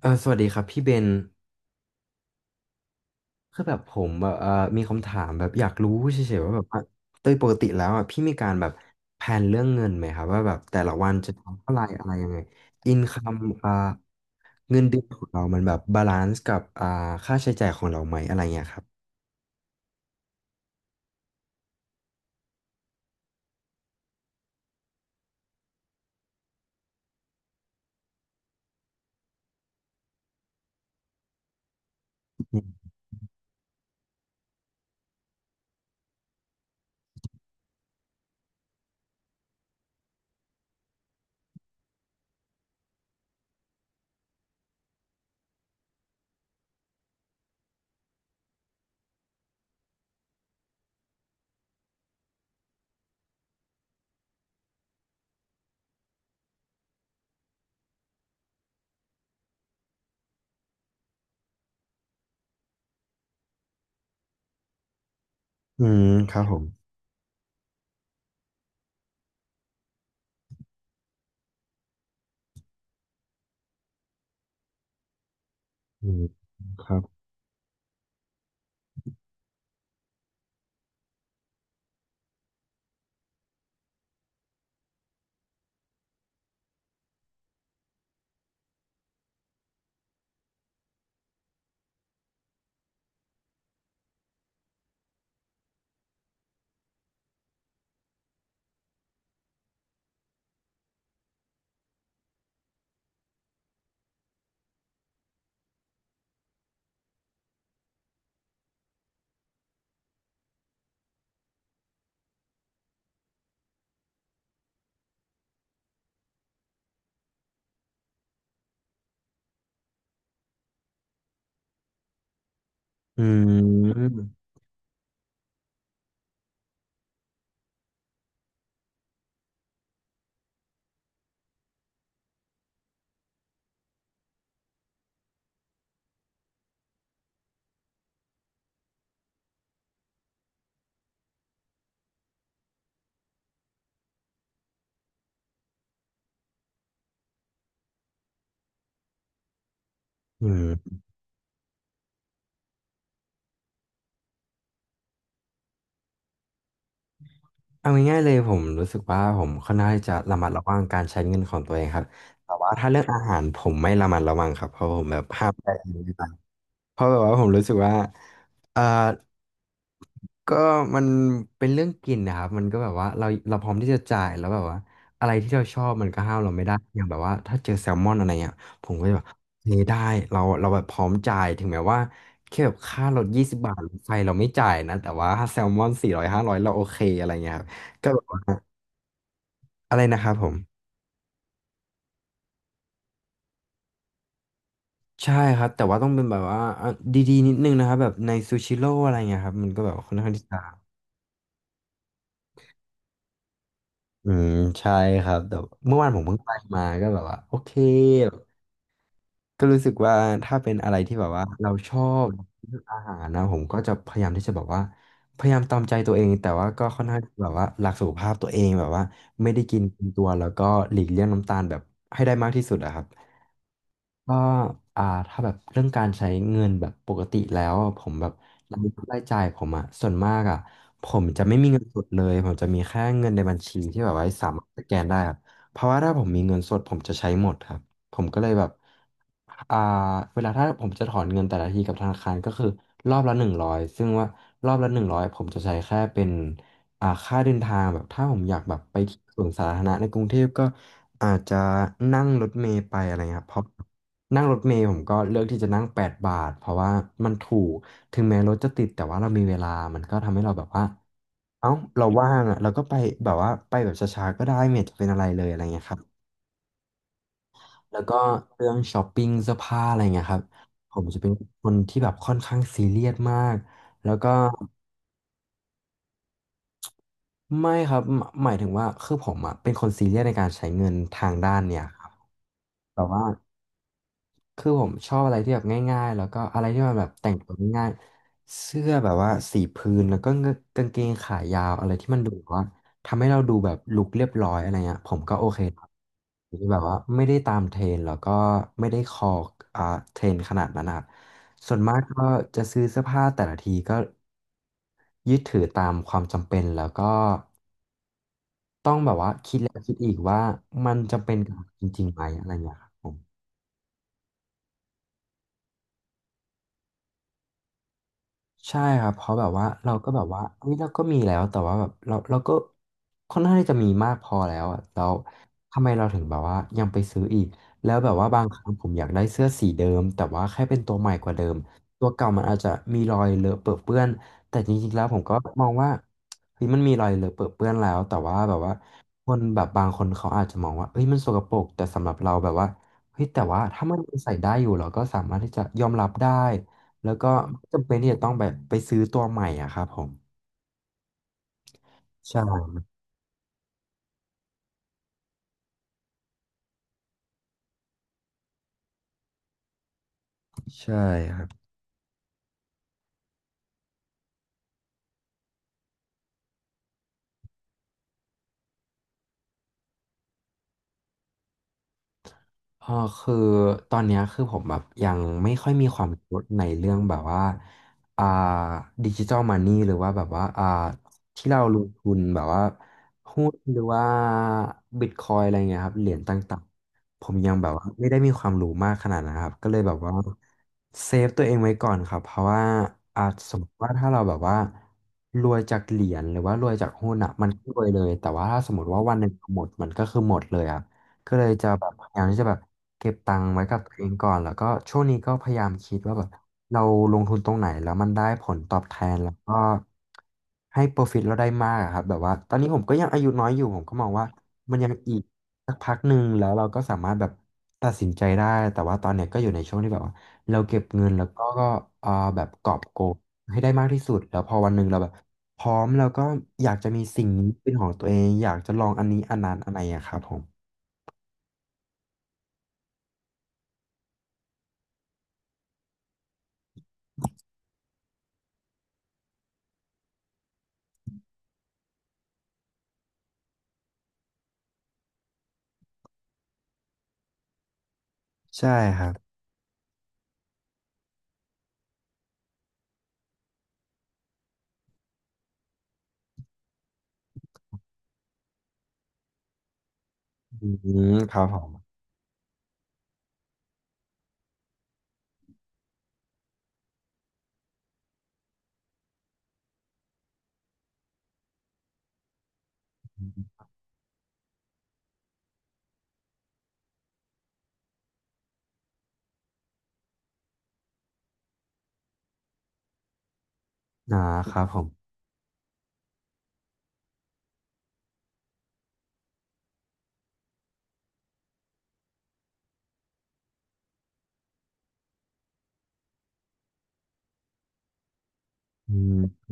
เออสวัสดีครับพี่เบนคือแบบผมแบบมีคำถามแบบอยากรู้เฉยๆว่าแบบว่าโดยปกติแล้วอ่ะพี่มีการแบบแผนเรื่องเงินไหมครับว่าแบบแต่ละวันจะทำเท่าไหร่อะไรยังไงอินคัมอ่าเงินเดือนของเรามันแบบบาลานซ์กับค่าใช้จ่ายของเราไหมอะไรเงี้ยครับอืมครับผมอืมครับอืมอืม เอาง่ายๆเลยผมรู้สึกว่าผมค่อนข้างที่จะระมัดระวังการใช้เงินของตัวเองครับแต่ว่าถ้าเรื่องอาหารผมไม่ระมัดระวังครับเพราะผมแบบห้ามใจเอ เพราะแบบว่าผมรู้สึกว่าเอ่อก็มันเป็นเรื่องกลิ่นนะครับมันก็แบบว่าเราพร้อมที่จะจ่ายแล้วแบบว่าอะไรที่เราชอบมันก็ห้ามเราไม่ได้อย่างแบบว่าถ้าเจอแซลมอนอะไรเงี้ยผมก็จะแบบเฮ้ยได้เราแบบพร้อมจ่ายถึงแม้ว่าแค่แบบค่ารถ20 บาทรถไฟเราไม่จ่ายนะแต่ว่าถ้าแซลมอน400 500เราโอเคอะไรเงี้ยครับก็แบบว่าอะไรนะครับผมใช่ครับแต่ว่าต้องเป็นแบบว่าอ่ะดีๆนิดนึงนะครับแบบในซูชิโร่อะไรเงี้ยครับมันก็แบบค่อนข้างที่จะ อืมใช่ครับแต่เมื่อวานผมเพิ่งไปมาก็แบบว่าโอเคแบบก็รู้สึกว่าถ้าเป็นอะไรที่แบบว่าเราชอบเรื่องอาหารนะผมก็จะพยายามที่จะแบบว่าพยายามตามใจตัวเองแต่ว่าก็ค่อนข้างแบบว่ารักสุขภาพตัวเองแบบว่าไม่ได้กินเกินตัวแล้วก็หลีกเลี่ยงน้ำตาลแบบให้ได้มากที่สุดอะครับ ก็ถ้าแบบเรื่องการใช้เงินแบบปกติแล้วอะผมแบบรายรับรายจ่ายผมอะส่วนมากอะผมจะไม่มีเงินสดเลยผมจะมีแค่เงินในบัญชีที่แบบไว้สามารถสแกนได้ครับเพราะว่าถ้าผมมีเงินสดผมจะใช้หมดครับผมก็เลยแบบอ่าเวลาถ้าผมจะถอนเงินแต่ละทีกับธนาคารก็คือรอบละหนึ่งร้อยซึ่งว่ารอบละหนึ่งร้อยผมจะใช้แค่เป็นค่าเดินทางแบบถ้าผมอยากแบบไปที่สวนสาธารณะในกรุงเทพก็อาจจะนั่งรถเมล์ไปอะไรเงี้ยครับเพราะ นั่งรถเมล์ผมก็เลือกที่จะนั่ง8บาทเพราะว่ามันถูกถึงแม้รถจะติดแต่ว่าเรามีเวลามันก็ทำให้เราแบบว่าเอ้าเราว่างอ่ะเราก็ไปแบบว่าไปแบบช้าๆก็ได้ไม่เห็นจะเป็นอะไรเลยอะไรเงี้ยครับแล้วก็เรื่องช้อปปิ้งเสื้อผ้าอะไรเงี้ยครับผมจะเป็นคนที่แบบค่อนข้างซีเรียสมากแล้วก็ไม่ครับหมายถึงว่าคือผมอ่ะเป็นคนซีเรียสในการใช้เงินทางด้านเนี่ยครับแต่ว่า คือผมชอบอะไรที่แบบง่ายๆแล้วก็อะไรที่มันแบบแต่งตัวง่ายๆเสื้อแบบว่าสีพื้นแล้วก็กางเกงขายาวอะไรที่มันดูแบบว่าทำให้เราดูแบบลุคเรียบร้อยอะไรเงี้ยผมก็โอเคครับที่แบบว่าไม่ได้ตามเทรนด์แล้วก็ไม่ได้คออ่าเทรนด์ขนาดนั้นนะครับส่วนมากก็จะซื้อเสื้อผ้าแต่ละทีก็ยึดถือตามความจำเป็นแล้วก็ต้องแบบว่าคิดแล้วคิดอีกว่ามันจำเป็นกับเราจริงๆไหมอะไรเงี้ยครับผม ใช่ครับเพราะแบบว่าเราก็แบบว่าเฮ้ยเราก็มีแล้วแต่ว่าแบบเราก็ค่อนข้างที่จะมีมากพอแล้วอะแล้วทำไมเราถึงแบบว่ายังไปซื้ออีกแล้วแบบว่าบางครั้งผมอยากได้เสื้อสีเดิมแต่ว่าแค่เป็นตัวใหม่กว่าเดิมตัวเก่ามันอาจจะมีรอยเลอะเปื้อะเปื้อนแต่จริงๆแล้วผมก็มองว่าเฮ้ยมันมีรอยเลอะเปื้อะเปื้อนแล้วแต่ว่าแบบว่าคนแบบบางคนเขาอาจจะมองว่าเฮ้ยมันสกปรกแต่สำหรับเราแบบว่าเฮ้ยแต่ว่าถ้ามันใส่ได้อยู่เราก็สามารถที่จะยอมรับได้ แล้วก็ไม่จำเป็นที่จะต้องแบบไปซื้อตัวใหม่อะครับผมใช่ใช่ครับ เออคือตอนเนี้ยคือผมแบบยังไม่ค่อยมีความรู้ในเรื่องแบบว่าอ่าดิจิ t a ลมันนี่หรือว่าแบบว่าที่เราลงทุนแบบว่าหุ้นหรือว่าบิตคอยอะไรเงี้ยครับเหรียญต่างๆผมยังแบบว่าไม่ได้มีความรู้มากขนาดนั้นครับก็เลยแบบว่าเซฟตัวเองไว้ก่อนครับเพราะว่าอาจสมมติว่าถ้าเราแบบว่ารวยจากเหรียญหรือว่ารวยจากหุ้นอ่ะมันก็รวยเลยแต่ว่าถ้าสมมติว่าวันหนึ่งหมดมันก็คือหมดเลยอ่ะ ก็เลยจะแบบพยายามที่จะแบบเก็บตังค์ไว้กับตัวเองก่อนแล้วก็ช่วงนี้ก็พยายามคิดว่าแบบเราลงทุนตรงไหนแล้วมันได้ผลตอบแทนแล้วก็ให้ profit เราได้มากอะครับแบบว่าตอนนี้ผมก็ยังอายุน้อยอยู่ผมก็มองว่ามันยังอีกสักพักหนึ่งแล้วเราก็สามารถแบบตัดสินใจได้แต่ว่าตอนเนี้ยก็อยู่ในช่วงที่แบบว่าเราเก็บเงินแล้วก็เอ่อแบบกอบโกยให้ได้มากที่สุดแล้วพอวันหนึ่งเราแบบพร้อมแล้วก็อยากจะมีสิ่งนี้เป็นของตัวเองอยากจะลองอันนี้อันนั้นอะไรอะครับผม ใช่ครับอืมครับผมอ่าครับผมอืม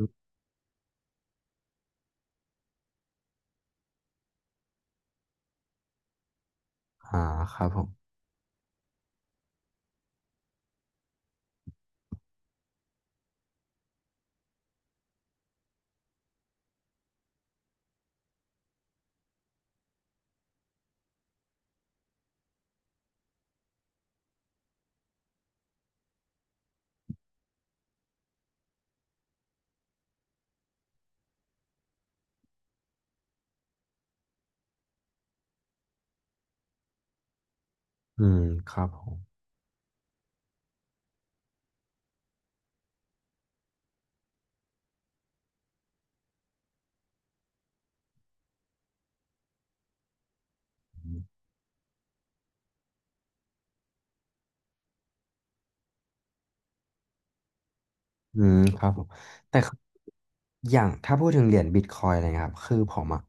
อ่าครับผมอืมครับผม อืมครับผมแต่คืออย่างถ้าพูดถึงเหรียญบิตคอยอะไรเงี้ยครับคือผมอ่ะ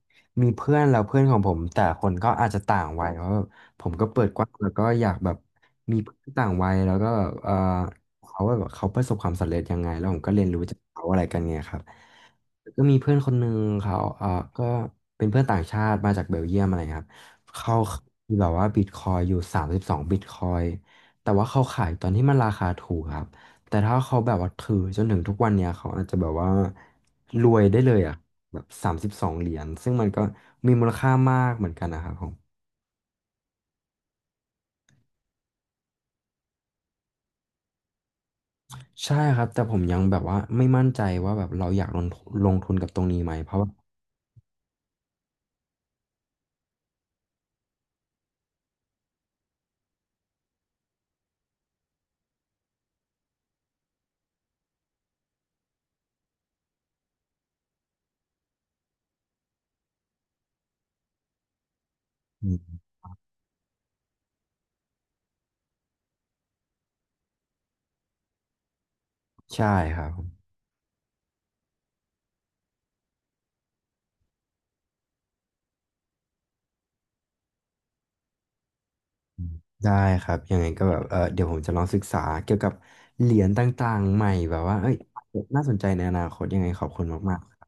มีเพื่อนแล้วเพื่อนของผมแต่ละคนก็อาจจะต่างวัยเพราะแบบผมก็เปิดกว้างแล้วก็อยากแบบมีเพื่อนต่างวัยแล้วก็แบบเออเขาแบบเขาประสบความสำเร็จยังไงแล้วผมก็เรียนรู้จากเขาอะไรกันเนี่ยครับแล้วก็มีเพื่อนคนหนึ่งเขาเออก็เป็นเพื่อนต่างชาติมาจากเบลเยียมอะไรครับเขามีแบบว่าบิตคอยอยู่สามสิบสองบิตคอยแต่ว่าเขาขายตอนที่มันราคาถูกครับ แต่ถ้าเขาแบบว่าถือจนถึงทุกวันเนี่ยเขาอาจจะแบบว่ารวยได้เลยอ่ะแบบสามสิบสองเหรียญซึ่งมันก็มีมูลค่ามากเหมือนกันนะครับผมใช่ครับแต่ผมยังแบบว่าไม่มั่นใจว่าแบบเราอยากลงทุนลงทุนกับตรงนี้ไหมเพราะว่าอืมใช่ครับผมอืมได้ครับยังไงก็แบบเออเดี๋ยวผมจะลองศึกษาเกี่ยวกับเหรียญต่างๆใหม่แบบว่าเอ้ยน่าสนใจในอนาคตยังไงขอบคุณมากๆ